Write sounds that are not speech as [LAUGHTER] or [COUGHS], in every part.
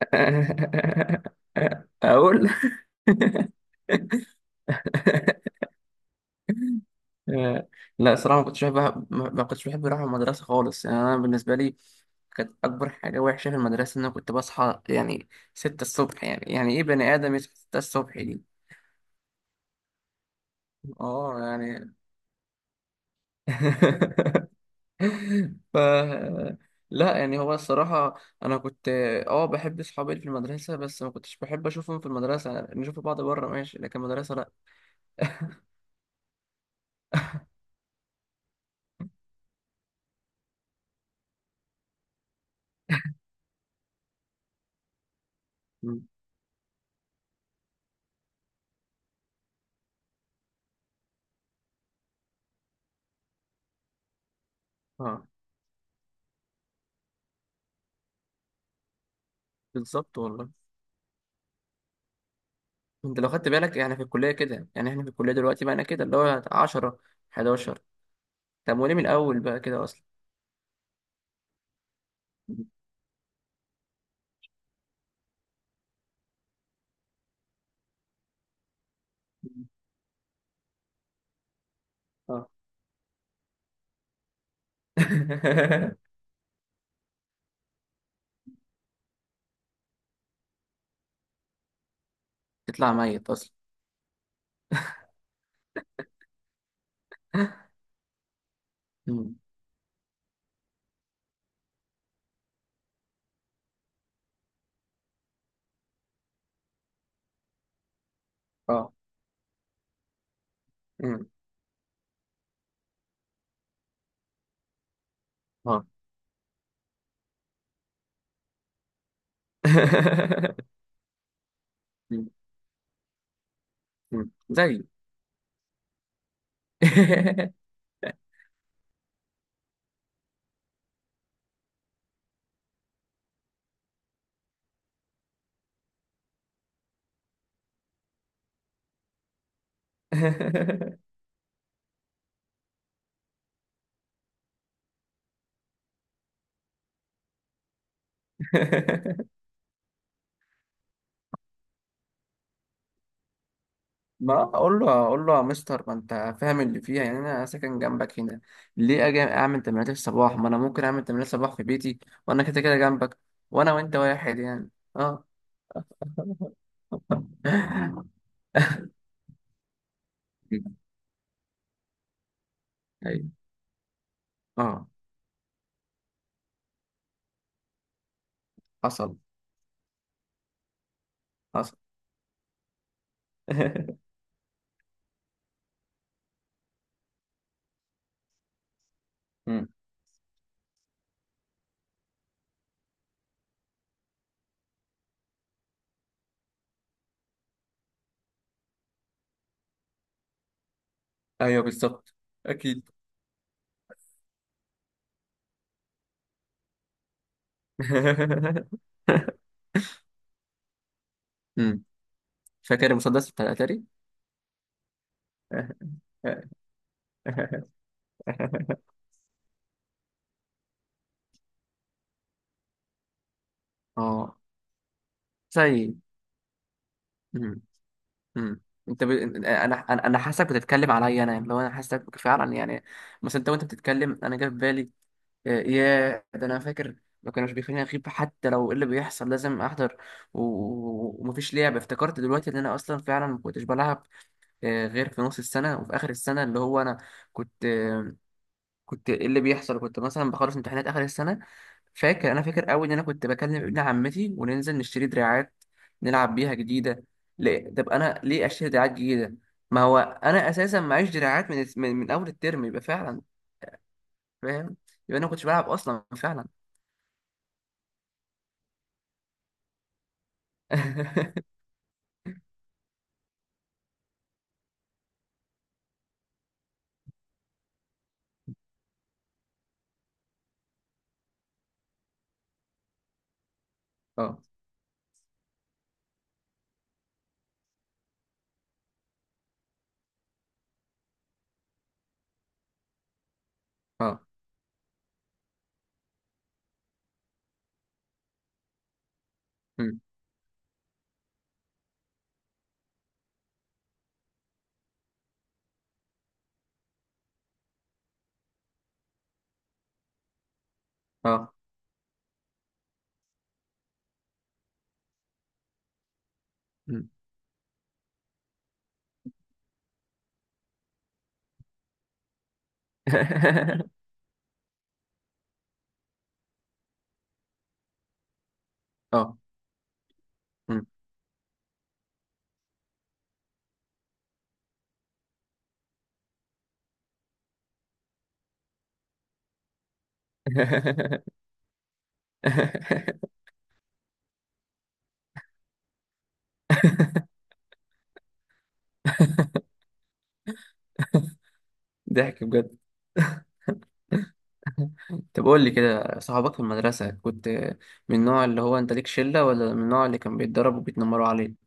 [LAUGHS] اقول آه، لا صراحه ما كنتش بحب ما كنتش بحب اروح المدرسه خالص. انا بالنسبه لي كانت اكبر حاجه وحشه في المدرسه ان انا كنت بصحى يعني 6 الصبح. يعني ايه بني ادم يصحى 6 الصبح دي؟ اه [LAUGHS] ف لا يعني هو الصراحه انا كنت اه بحب اصحابي اللي في المدرسه، بس ما كنتش بحب اشوفهم في المدرسه. يعني نشوف بعض بره ماشي، لكن المدرسه لا. [LAUGHS] آه، بالظبط والله. انت لو خدت بالك يعني في الكليه كده، يعني احنا في الكليه دلوقتي بقى انا كده اللي هو 10، 11. طب وليه من الاول بقى كده اصلا؟ اه [LAUGHS] تطلع ميت اصلا. مم. اه مم. اه [LAUGHS] مم. مم. زي [LAUGHS] [LAUGHS] ما اقول له، اقول له يا مستر ما انت فاهم اللي فيها، يعني انا ساكن جنبك هنا. ليه اجي اعمل تمرينات الصباح؟ ما انا ممكن اعمل تمرينات الصباح في بيتي وانا كده كده جنبك. وانا وانت واحد يعني. اه [LAUGHS] ايوه، اه. حصل. حصل. [LAUGHS] مم. ايوه بالظبط. اكيد. [LAUGHS] مم. فاكر المسدس بتاع الاتاري؟ [LAUGHS] اه. زي. امم، انت انا انا حاسسك بتتكلم عليا انا، يعني لو انا حاسسك فعلا يعني. مثلا انت وانت بتتكلم انا جه في بالي يا ده انا فاكر، ما كانوش بيخليني اغيب حتى لو ايه اللي بيحصل، لازم احضر. و... و- ومفيش لعب، افتكرت دلوقتي ان انا اصلا فعلا ما كنتش بلعب، غير في نص السنه وفي اخر السنه اللي هو انا كنت كنت ايه اللي بيحصل، كنت مثلا بخلص امتحانات اخر السنه. فاكر، انا فاكر قوي ان انا كنت بكلم ابن عمتي وننزل نشتري دراعات نلعب بيها جديده. ليه؟ طب انا ليه اشتري دراعات جديده؟ ما هو انا اساسا معيش دراعات من اول الترم، يبقى فعلا فاهم، يبقى انا ما كنتش بلعب اصلا فعلا. [LAUGHS] اه، اه. أمم، اه. أمم. [LAUGHS] اه. أمم. [LAUGHS] ضحك بجد. طب قول لي كده، صحابك في المدرسة كنت من النوع اللي هو انت ليك شلة، ولا من النوع اللي كان بيتضرب وبيتنمروا عليه؟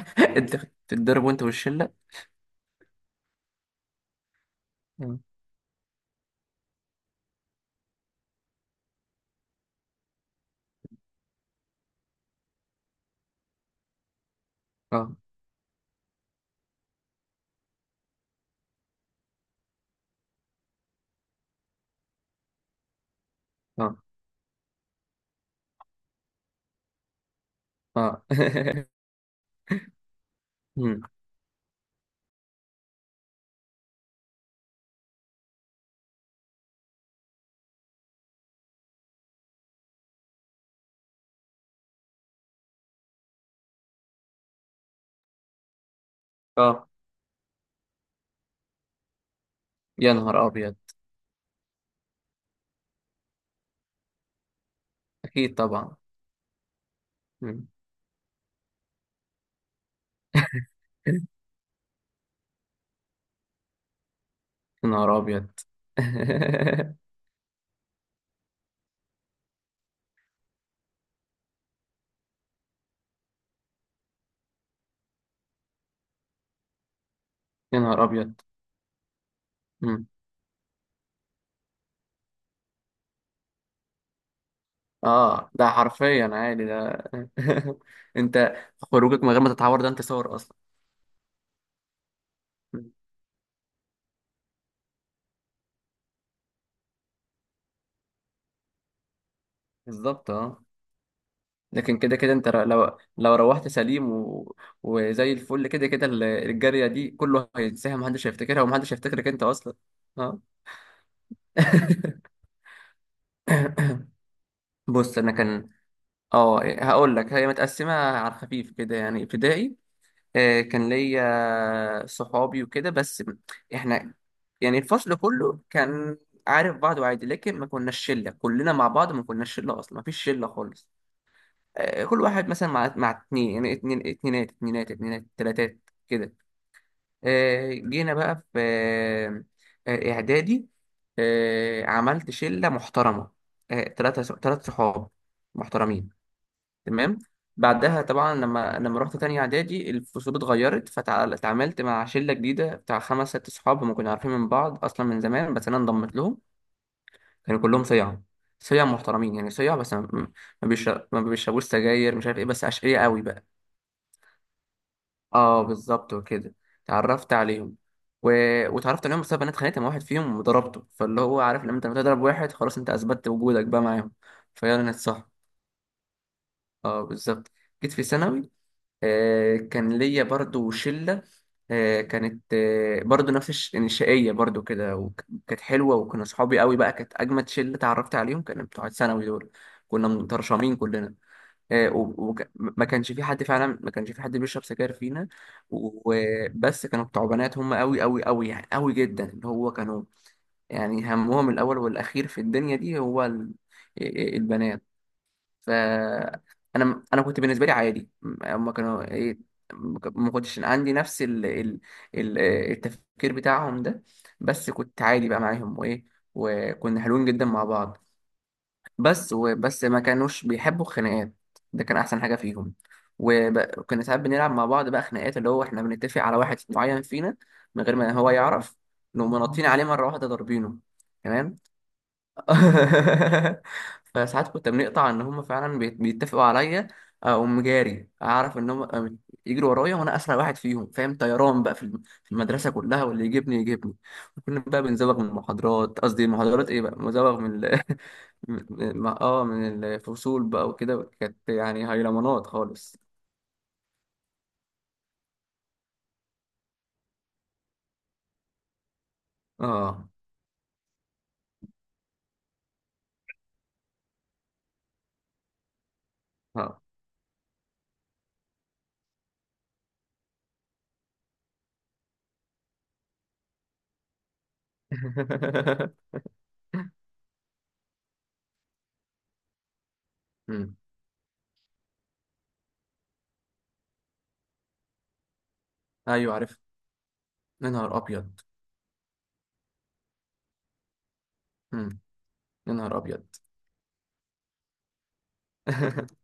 [LAUGHS] انت كنت بتتضرب وانت والشلة؟ اه، اه، اه، اه. [LAUGHS] مم. اه. يا نهار ابيض. اكيد طبعا. مم. يا نهار ابيض. [LAUGHS] يا نهار ابيض. مم. اه، ده حرفيا عادي ده. [LAUGHS] انت خروجك من غير ما تتعور، ده انت صور اصلا. مم. بالظبط اه. لكن كده كده انت لو روحت سليم و... وزي الفل، كده كده الجارية دي كله هينساها، محدش هيفتكرها، ومحدش هيفتكرك انت اصلا. اه. [LAUGHS] [COUGHS] بص، انا كان، اه هقول لك، هي متقسمة على الخفيف كده. يعني ابتدائي كان ليا صحابي وكده، بس احنا يعني الفصل كله كان عارف بعضه عادي، لكن ما كناش شلة كلنا مع بعض، ما كناش شلة اصلا، ما فيش شلة خالص. كل واحد مثلا مع اتنين، يعني اتنين، اتنينات، اتنينات، اتنينات، تلاتات كده. جينا بقى في اعدادي عملت شله محترمه، تلاته، تلات صحاب محترمين، تمام. بعدها طبعا لما رحت تاني اعدادي، الفصول اتغيرت، فتعاملت مع شله جديده بتاع خمس ست صحاب، هم كنا عارفين من بعض اصلا من زمان، بس انا انضمت لهم. كانوا كلهم صيع، صيع محترمين يعني، صيع بس ما ما بيشربوش سجاير، مش عارف ايه، بس اشقياء قوي بقى. اه، بالظبط وكده. اتعرفت عليهم و... واتعرفت عليهم بسبب إن انا اتخانقت مع واحد فيهم وضربته، فاللي هو عارف لما انت بتضرب واحد خلاص انت اثبتت وجودك بقى معاهم، فيلا نتصاحب. اه بالظبط. جيت في ثانوي، آه كان ليا برضو شلة، آه كانت آه برضو نفس يعني شقية برضو كده، وكانت حلوة، وكنا صحابي قوي بقى، كانت أجمد شلة اتعرفت عليهم، كانوا بتوع ثانوي دول. كنا مترشمين كلنا. ما كانش في حد فعلا، ما كانش في حد بيشرب سجاير فينا. وبس كانوا بتوع بنات هم قوي قوي قوي، يعني قوي جدا، اللي هو كانوا يعني همهم الاول والاخير في الدنيا دي هو البنات. ف انا كنت بالنسبه لي عادي، هم كانوا ايه. ما كنتش عندي نفس التفكير بتاعهم ده، بس كنت عادي بقى معاهم وايه، وكنا حلوين جدا مع بعض. بس وبس ما كانوش بيحبوا الخناقات، ده كان احسن حاجه فيهم. وب- وكنا ساعات بنلعب مع بعض بقى خناقات، اللي هو احنا بنتفق على واحد معين فينا من غير ما هو يعرف، نقوم نطين عليه مره واحده ضاربينه. تمام. [LAUGHS] فساعات كنت بنقطع ان هم فعلا بيتفقوا عليا، اقوم جاري اعرف ان هم يجروا ورايا، وانا اسرع واحد فيهم فاهم، طيران بقى في في المدرسه كلها، واللي يجيبني يجيبني. وكنا بقى بنزوغ من المحاضرات، قصدي المحاضرات ايه بقى، مزوغ من [LAUGHS] من الفصول بقى وكده، كانت يعني هيلمانات خالص. اه، اه. [LAUGHS] مم. ايوه عارف. يا نهار ابيض. مم. يا نهار ابيض. [LAUGHS]